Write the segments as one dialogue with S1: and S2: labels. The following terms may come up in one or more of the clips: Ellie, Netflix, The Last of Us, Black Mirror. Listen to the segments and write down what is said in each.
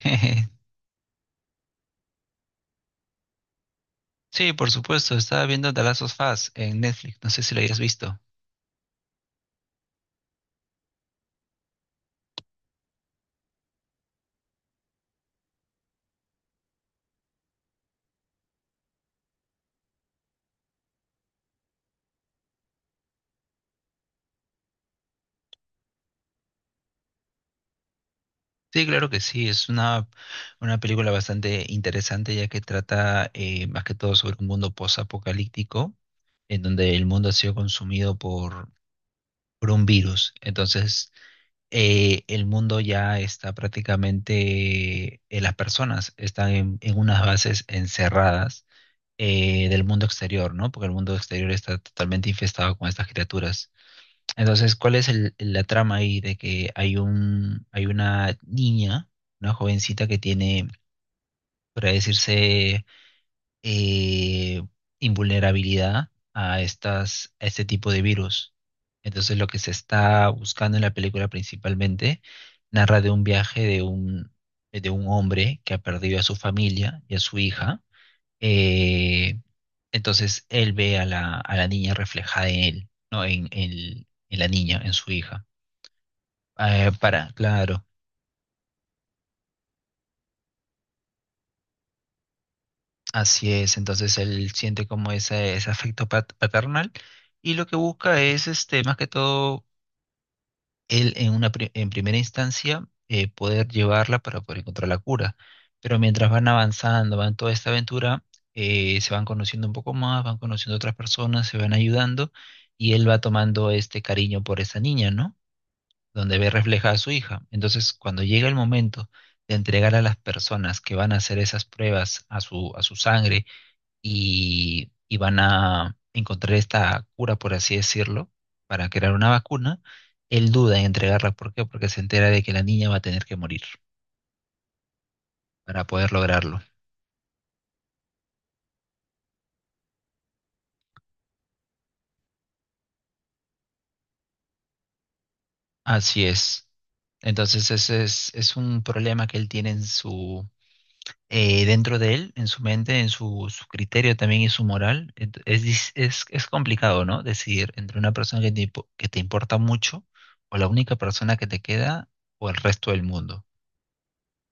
S1: Jeje. Sí, por supuesto, estaba viendo The Last of Us en Netflix, no sé si lo hayas visto. Sí, claro que sí, es una película bastante interesante ya que trata más que todo sobre un mundo posapocalíptico en donde el mundo ha sido consumido por un virus. Entonces, el mundo ya está prácticamente, las personas están en unas bases encerradas del mundo exterior, ¿no? Porque el mundo exterior está totalmente infestado con estas criaturas. Entonces, ¿cuál es la trama ahí de que hay hay una niña, una jovencita que tiene, por así decirse, eh, invulnerabilidad a a este tipo de virus? Entonces, lo que se está buscando en la película principalmente narra de un viaje de de un hombre que ha perdido a su familia y a su hija. Eh, entonces, él ve a a la niña reflejada en él, ¿no? En, en la niña, en su hija. Para, claro, así es. Entonces él siente como ese afecto paternal y lo que busca es, este, más que todo, él en una en primera instancia poder llevarla para poder encontrar la cura. Pero mientras van avanzando, van toda esta aventura, se van conociendo un poco más, van conociendo otras personas, se van ayudando y él va tomando este cariño por esa niña, ¿no? Donde ve reflejada a su hija. Entonces, cuando llega el momento de entregar a las personas que van a hacer esas pruebas a a su sangre y van a encontrar esta cura, por así decirlo, para crear una vacuna, él duda en entregarla. ¿Por qué? Porque se entera de que la niña va a tener que morir para poder lograrlo. Así es. Entonces, es un problema que él tiene en su, dentro de él, en su mente, en su criterio también y su moral. Es, es complicado, ¿no? Decidir entre una persona que te, que te importa mucho o la única persona que te queda o el resto del mundo.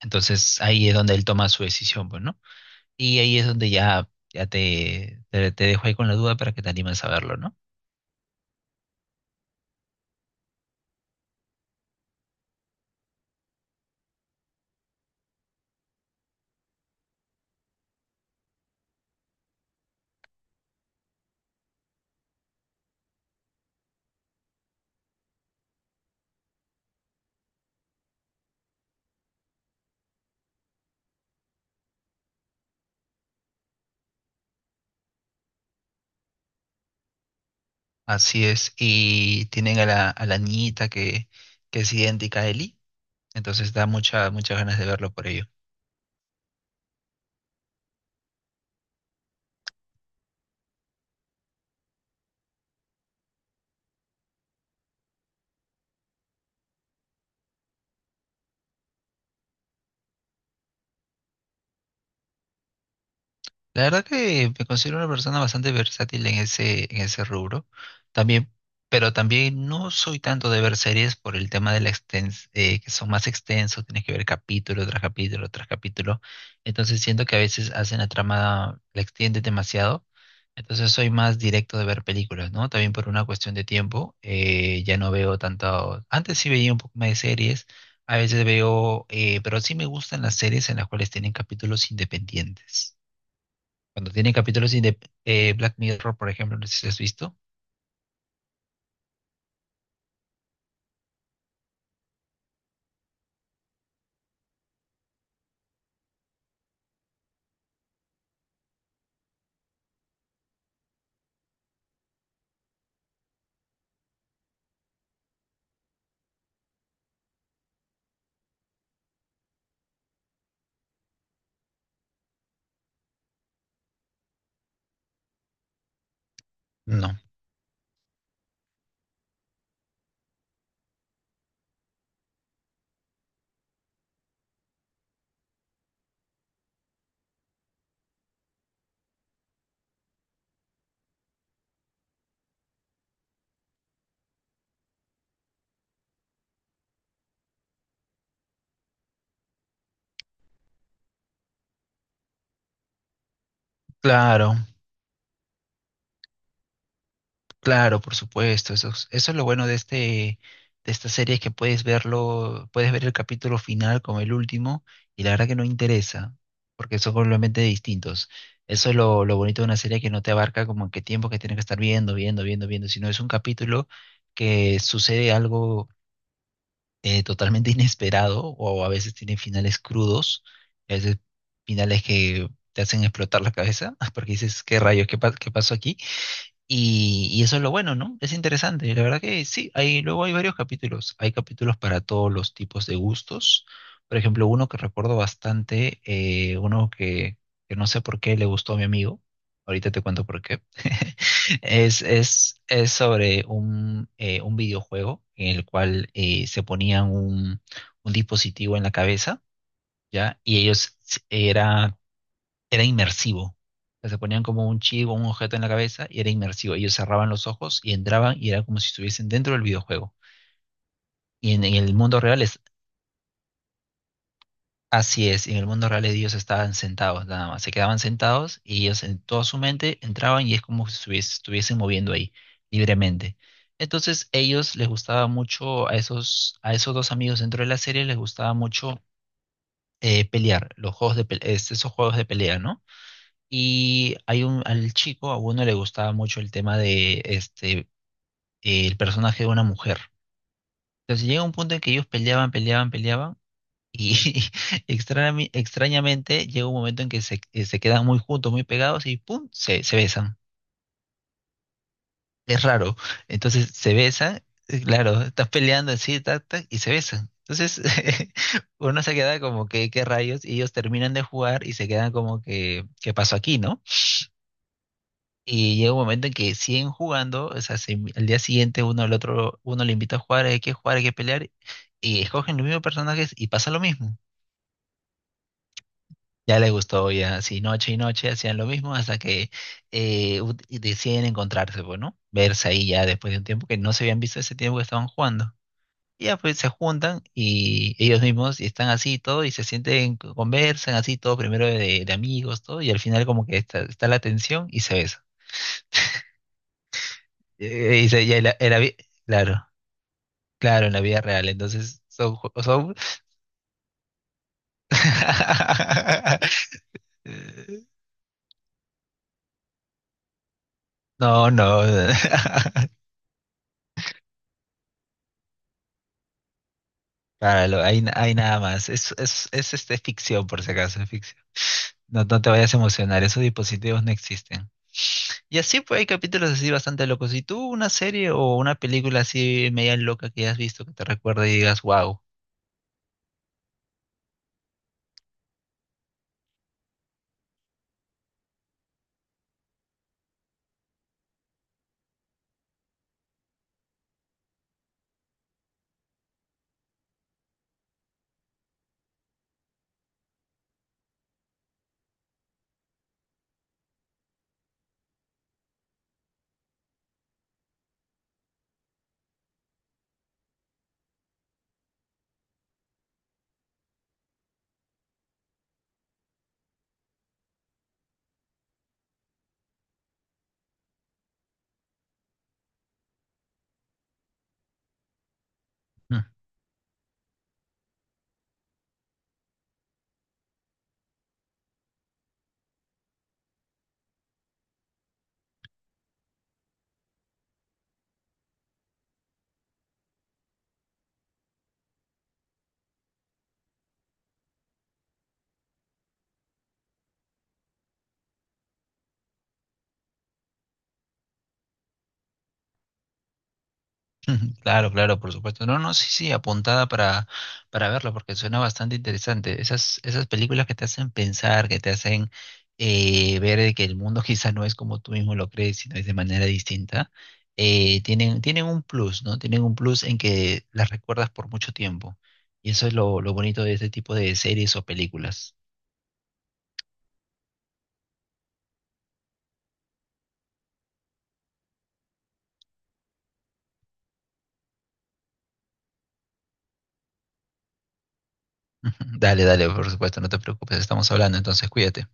S1: Entonces ahí es donde él toma su decisión, pues, ¿no? Y ahí es donde ya, ya te, te dejo ahí con la duda para que te animes a verlo, ¿no? Así es. Y tienen a a la niñita que es idéntica a Ellie. Entonces da mucha, muchas ganas de verlo por ello. La verdad que me considero una persona bastante versátil en ese rubro. También, pero también no soy tanto de ver series por el tema de la extens que son más extensos, tienes que ver capítulo tras capítulo tras capítulo. Entonces siento que a veces hacen la trama, la extiende demasiado. Entonces soy más directo de ver películas, ¿no? También por una cuestión de tiempo, ya no veo tanto. Antes sí veía un poco más de series, a veces veo, pero sí me gustan las series en las cuales tienen capítulos independientes. Cuando tienen capítulos de Black Mirror, por ejemplo, no sé si has visto. No. Claro, claro, por supuesto. Eso, eso es lo bueno de este, de esta serie, es que puedes verlo, puedes ver el capítulo final como el último, y la verdad que no interesa, porque son completamente distintos. Eso es lo bonito de una serie que no te abarca como en qué tiempo que tienes que estar viendo, viendo, viendo, viendo, sino es un capítulo que sucede algo totalmente inesperado o a veces tiene finales crudos, a veces finales que te hacen explotar la cabeza porque dices, ¿qué rayos? ¿Qué, qué pasó aquí? Y eso es lo bueno, ¿no? Es interesante. La verdad que sí, hay, luego hay varios capítulos. Hay capítulos para todos los tipos de gustos. Por ejemplo, uno que recuerdo bastante, uno que no sé por qué le gustó a mi amigo. Ahorita te cuento por qué. Es sobre un videojuego en el cual se ponían un dispositivo en la cabeza, ¿ya? Y ellos era era inmersivo. O sea, se ponían como un chip o un objeto en la cabeza y era inmersivo. Ellos cerraban los ojos y entraban y era como si estuviesen dentro del videojuego. Y en el mundo real es así es, en el mundo real ellos estaban sentados nada más, se quedaban sentados y ellos en toda su mente entraban y es como si estuviesen moviendo ahí libremente. Entonces ellos les gustaba mucho a esos dos amigos dentro de la serie les gustaba mucho pelear, los juegos de esos juegos de pelea, ¿no? Y hay un, al chico, a uno le gustaba mucho el tema de este, el personaje de una mujer. Entonces llega un punto en que ellos peleaban, peleaban, peleaban. Y extrañamente llega un momento en que se, se quedan muy juntos, muy pegados y ¡pum! Se besan. Es raro. Entonces se besan, claro, estás peleando así, tac, tac, y se besan. Entonces uno se queda como que, ¿qué rayos? Y ellos terminan de jugar y se quedan como que, ¿qué pasó aquí, no? Y llega un momento en que siguen jugando, o sea, al día siguiente uno al otro, uno le invita a jugar, hay que pelear, y escogen los mismos personajes y pasa lo mismo. Ya les gustó, ya, así noche y noche hacían lo mismo hasta que y deciden encontrarse, pues, ¿no? Verse ahí ya después de un tiempo que no se habían visto ese tiempo que estaban jugando. Y ya pues se juntan y ellos mismos y están así y todo y se sienten, conversan así todo, primero de amigos, todo, y al final como que está, está la tensión y se besan. Y, y ahí era, claro. Claro, en la vida real, entonces son... son... No, no. Claro, hay nada más. Es este, ficción, por si acaso, es ficción. No, no te vayas a emocionar, esos dispositivos no existen. Y así, pues hay capítulos así bastante locos. ¿Y tú una serie o una película así media loca que hayas visto que te recuerde y digas, wow? Ujú, claro, claro, por supuesto. No, no, sí, sí, apuntada para verlo, porque suena bastante interesante. Esas, esas películas que te hacen pensar, que te hacen ver de que el mundo quizá no es como tú mismo lo crees, sino es de manera distinta, tienen, tienen un plus, ¿no? Tienen un plus en que las recuerdas por mucho tiempo. Y eso es lo bonito de este tipo de series o películas. Ujú, dale, dale, por supuesto, no te preocupes, estamos hablando, entonces cuídate.